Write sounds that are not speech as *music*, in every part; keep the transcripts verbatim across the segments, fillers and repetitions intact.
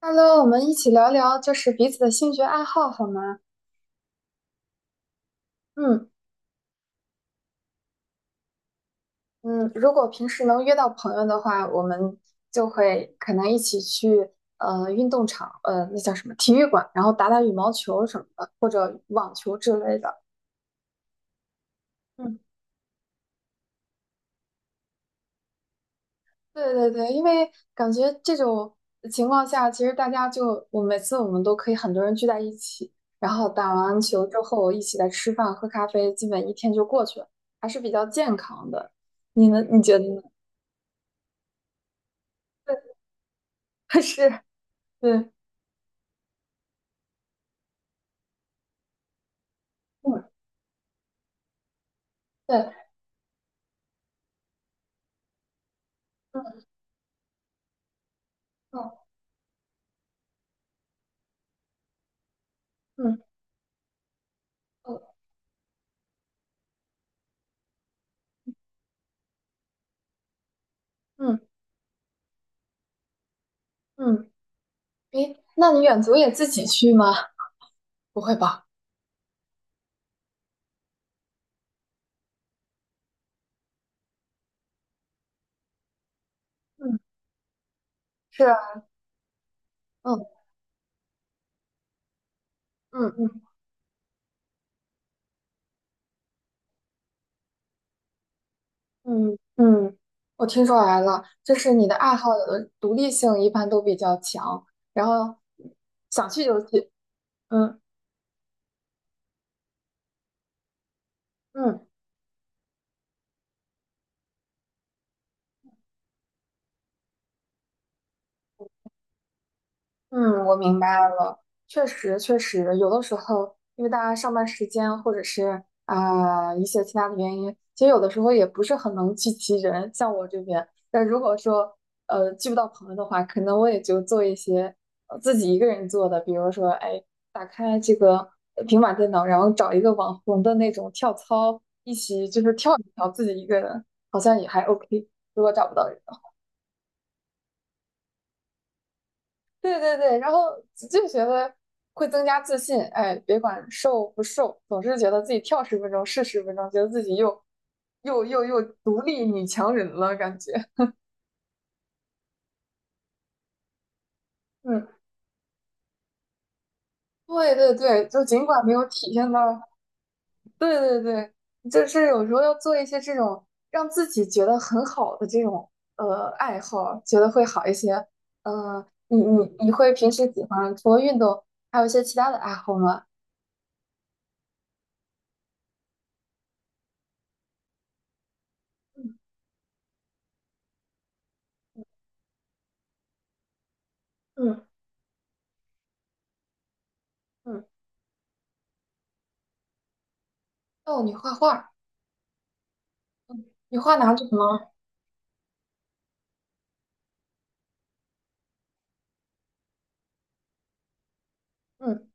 Hello，我们一起聊聊就是彼此的兴趣爱好好吗？嗯嗯，如果平时能约到朋友的话，我们就会可能一起去呃运动场，呃那叫什么体育馆，然后打打羽毛球什么的，或者网球之类的。嗯，对对对，因为感觉这种情况下，其实大家就我每次我们都可以很多人聚在一起，然后打完球之后一起来吃饭喝咖啡，基本一天就过去了，还是比较健康的。你呢？你觉得呢？*laughs* 是，嗯嗯，对，嗯嗯嗯嗯嗯嗯，诶，那你远足也自己去吗？不会吧？嗯，是啊，嗯嗯嗯嗯嗯，我听出来了，就是你的爱好有的独立性一般都比较强，然后想去就去，嗯嗯。嗯，我明白了，确实确实，有的时候因为大家上班时间或者是啊、一些其他的原因，其实有的时候也不是很能聚齐人。像我这边，但如果说呃聚不到朋友的话，可能我也就做一些呃自己一个人做的，比如说哎，打开这个呃平板电脑，然后找一个网红的那种跳操，一起就是跳一跳，自己一个人好像也还 OK。如果找不到人。对对对，然后就觉得会增加自信，哎，别管瘦不瘦，总是觉得自己跳十分钟是十分钟，觉得自己又又又又独立女强人了，感觉，嗯，对对对，就尽管没有体现到，对对对，就是有时候要做一些这种让自己觉得很好的这种呃爱好，觉得会好一些。嗯、你你你会平时喜欢除了运动，还有一些其他的爱好吗？嗯嗯嗯，哦，你画画。你画拿什么？嗯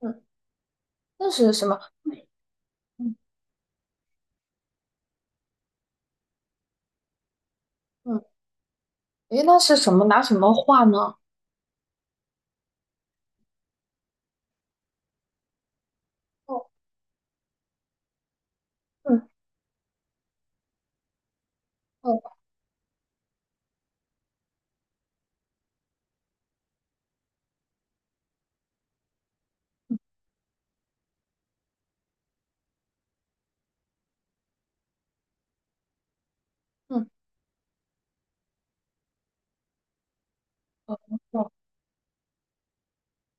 嗯，那是什么？嗯嗯，嗯诶，那是什么？拿什么画呢？哦，嗯哦嗯哦哦，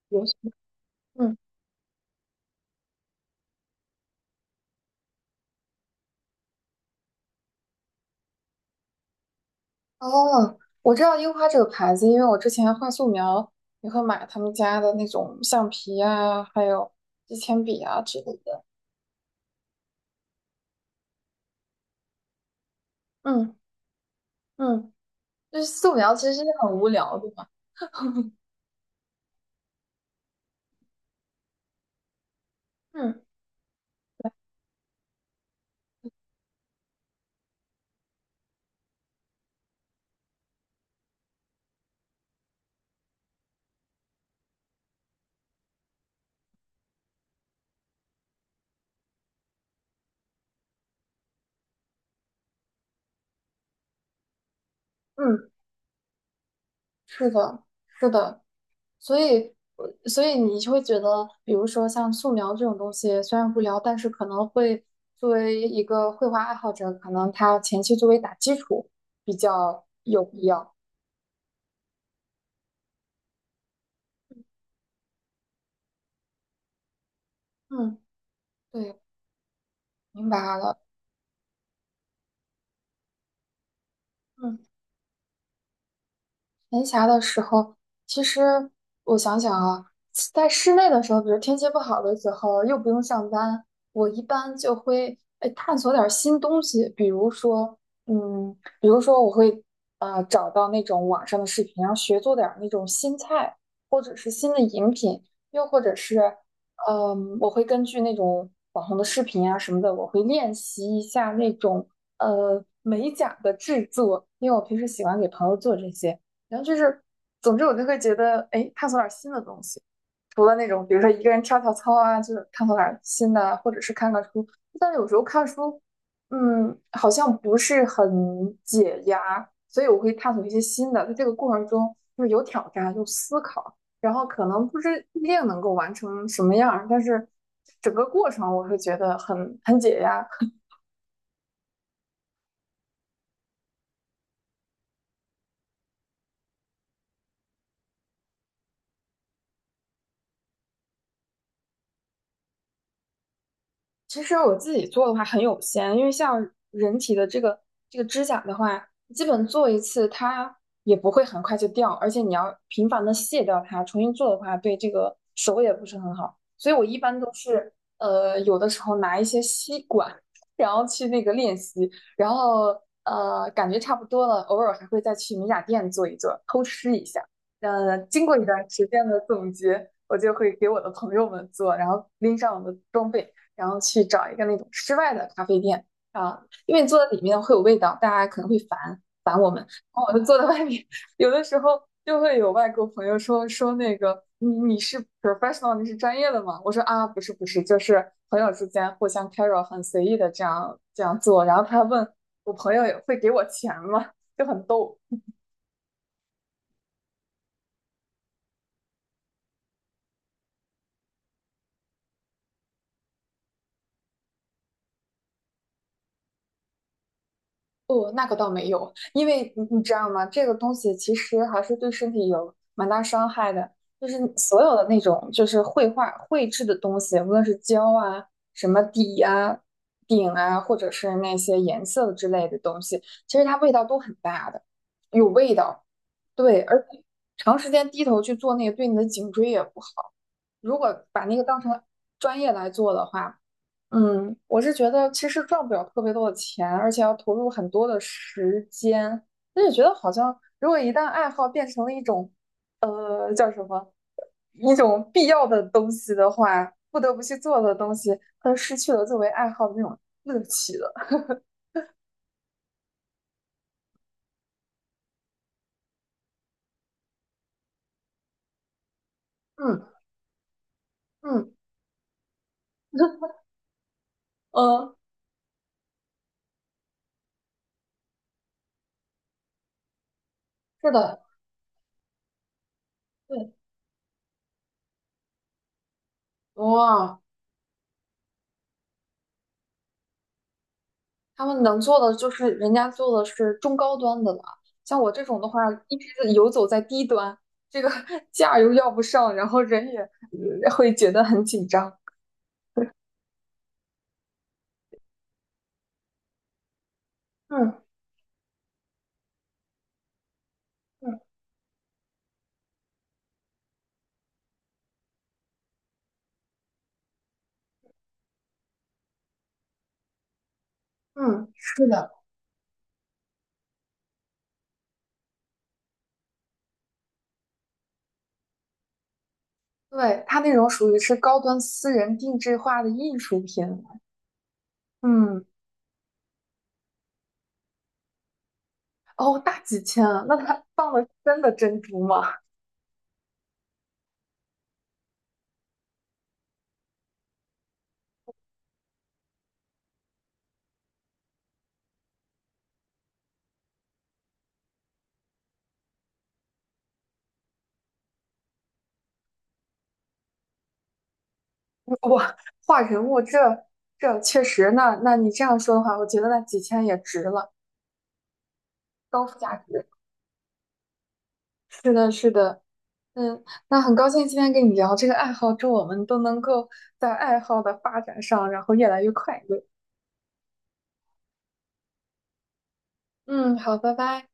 游戏嗯哦，我知道樱花这个牌子，因为我之前画素描也会买他们家的那种橡皮啊，还有支铅笔啊之类的。嗯嗯，就是素描其实是很无聊对嘛。嗯嗯，是的，是的。所以，呃所以你就会觉得，比如说像素描这种东西，虽然无聊，但是可能会作为一个绘画爱好者，可能他前期作为打基础比较有必要。嗯，对，明白了。嗯。闲暇的时候，其实我想想啊，在室内的时候，比如天气不好的时候，又不用上班，我一般就会哎探索点儿新东西，比如说，嗯，比如说我会啊找到那种网上的视频，然后学做点儿那种新菜，或者是新的饮品，又或者是，嗯，我会根据那种网红的视频啊什么的，我会练习一下那种呃美甲的制作，因为我平时喜欢给朋友做这些。然后就是，总之我就会觉得，哎，探索点儿新的东西，除了那种比如说一个人跳跳操啊，就是探索点儿新的啊或者是看看书。但是有时候看书，嗯，好像不是很解压，所以我会探索一些新的。在这个过程中，就是有挑战，有思考，然后可能不是不一定能够完成什么样儿，但是整个过程我会觉得很很解压，其实我自己做的话很有限，因为像人体的这个这个指甲的话，基本做一次它也不会很快就掉，而且你要频繁的卸掉它，重新做的话对这个手也不是很好。所以我一般都是呃有的时候拿一些吸管，然后去那个练习，然后呃感觉差不多了，偶尔还会再去美甲店做一做，偷吃一下。呃，经过一段时间的总结，我就会给我的朋友们做，然后拎上我的装备。然后去找一个那种室外的咖啡店啊，因为坐在里面会有味道，大家可能会烦烦我们，然后我就坐在外面，有的时候就会有外国朋友说说那个你你是 professional，你是专业的吗？我说啊不是不是，就是朋友之间互相 carry 很随意的这样这样做，然后他问我朋友会给我钱吗？就很逗。哦，那个倒没有，因为你你知道吗？这个东西其实还是对身体有蛮大伤害的。就是所有的那种就是绘画绘制的东西，无论是胶啊、什么底啊、顶啊，或者是那些颜色之类的东西，其实它味道都很大的，有味道。对，而且长时间低头去做那个，对你的颈椎也不好。如果把那个当成专业来做的话，嗯，我是觉得其实赚不了特别多的钱，而且要投入很多的时间。那就觉得好像，如果一旦爱好变成了一种，呃，叫什么，一种必要的东西的话，不得不去做的东西，它就失去了作为爱好的那种乐趣了。嗯嗯 *laughs* 嗯，是的，对，哇，他们能做的就是人家做的是中高端的了，像我这种的话，一直是游走在低端，这个 *laughs* 价又要不上，然后人也呃会觉得很紧张。嗯嗯嗯，是的，对，他那种属于是高端私人定制化的艺术品。嗯，哦，大几千啊，那他 *laughs* 真的珍珠吗？哇，画人物这这确实，那那你这样说的话，我觉得那几千也值了，高价值。是的，是的。嗯，那很高兴今天跟你聊这个爱好，祝我们都能够在爱好的发展上，然后越来越快乐。嗯，好，拜拜。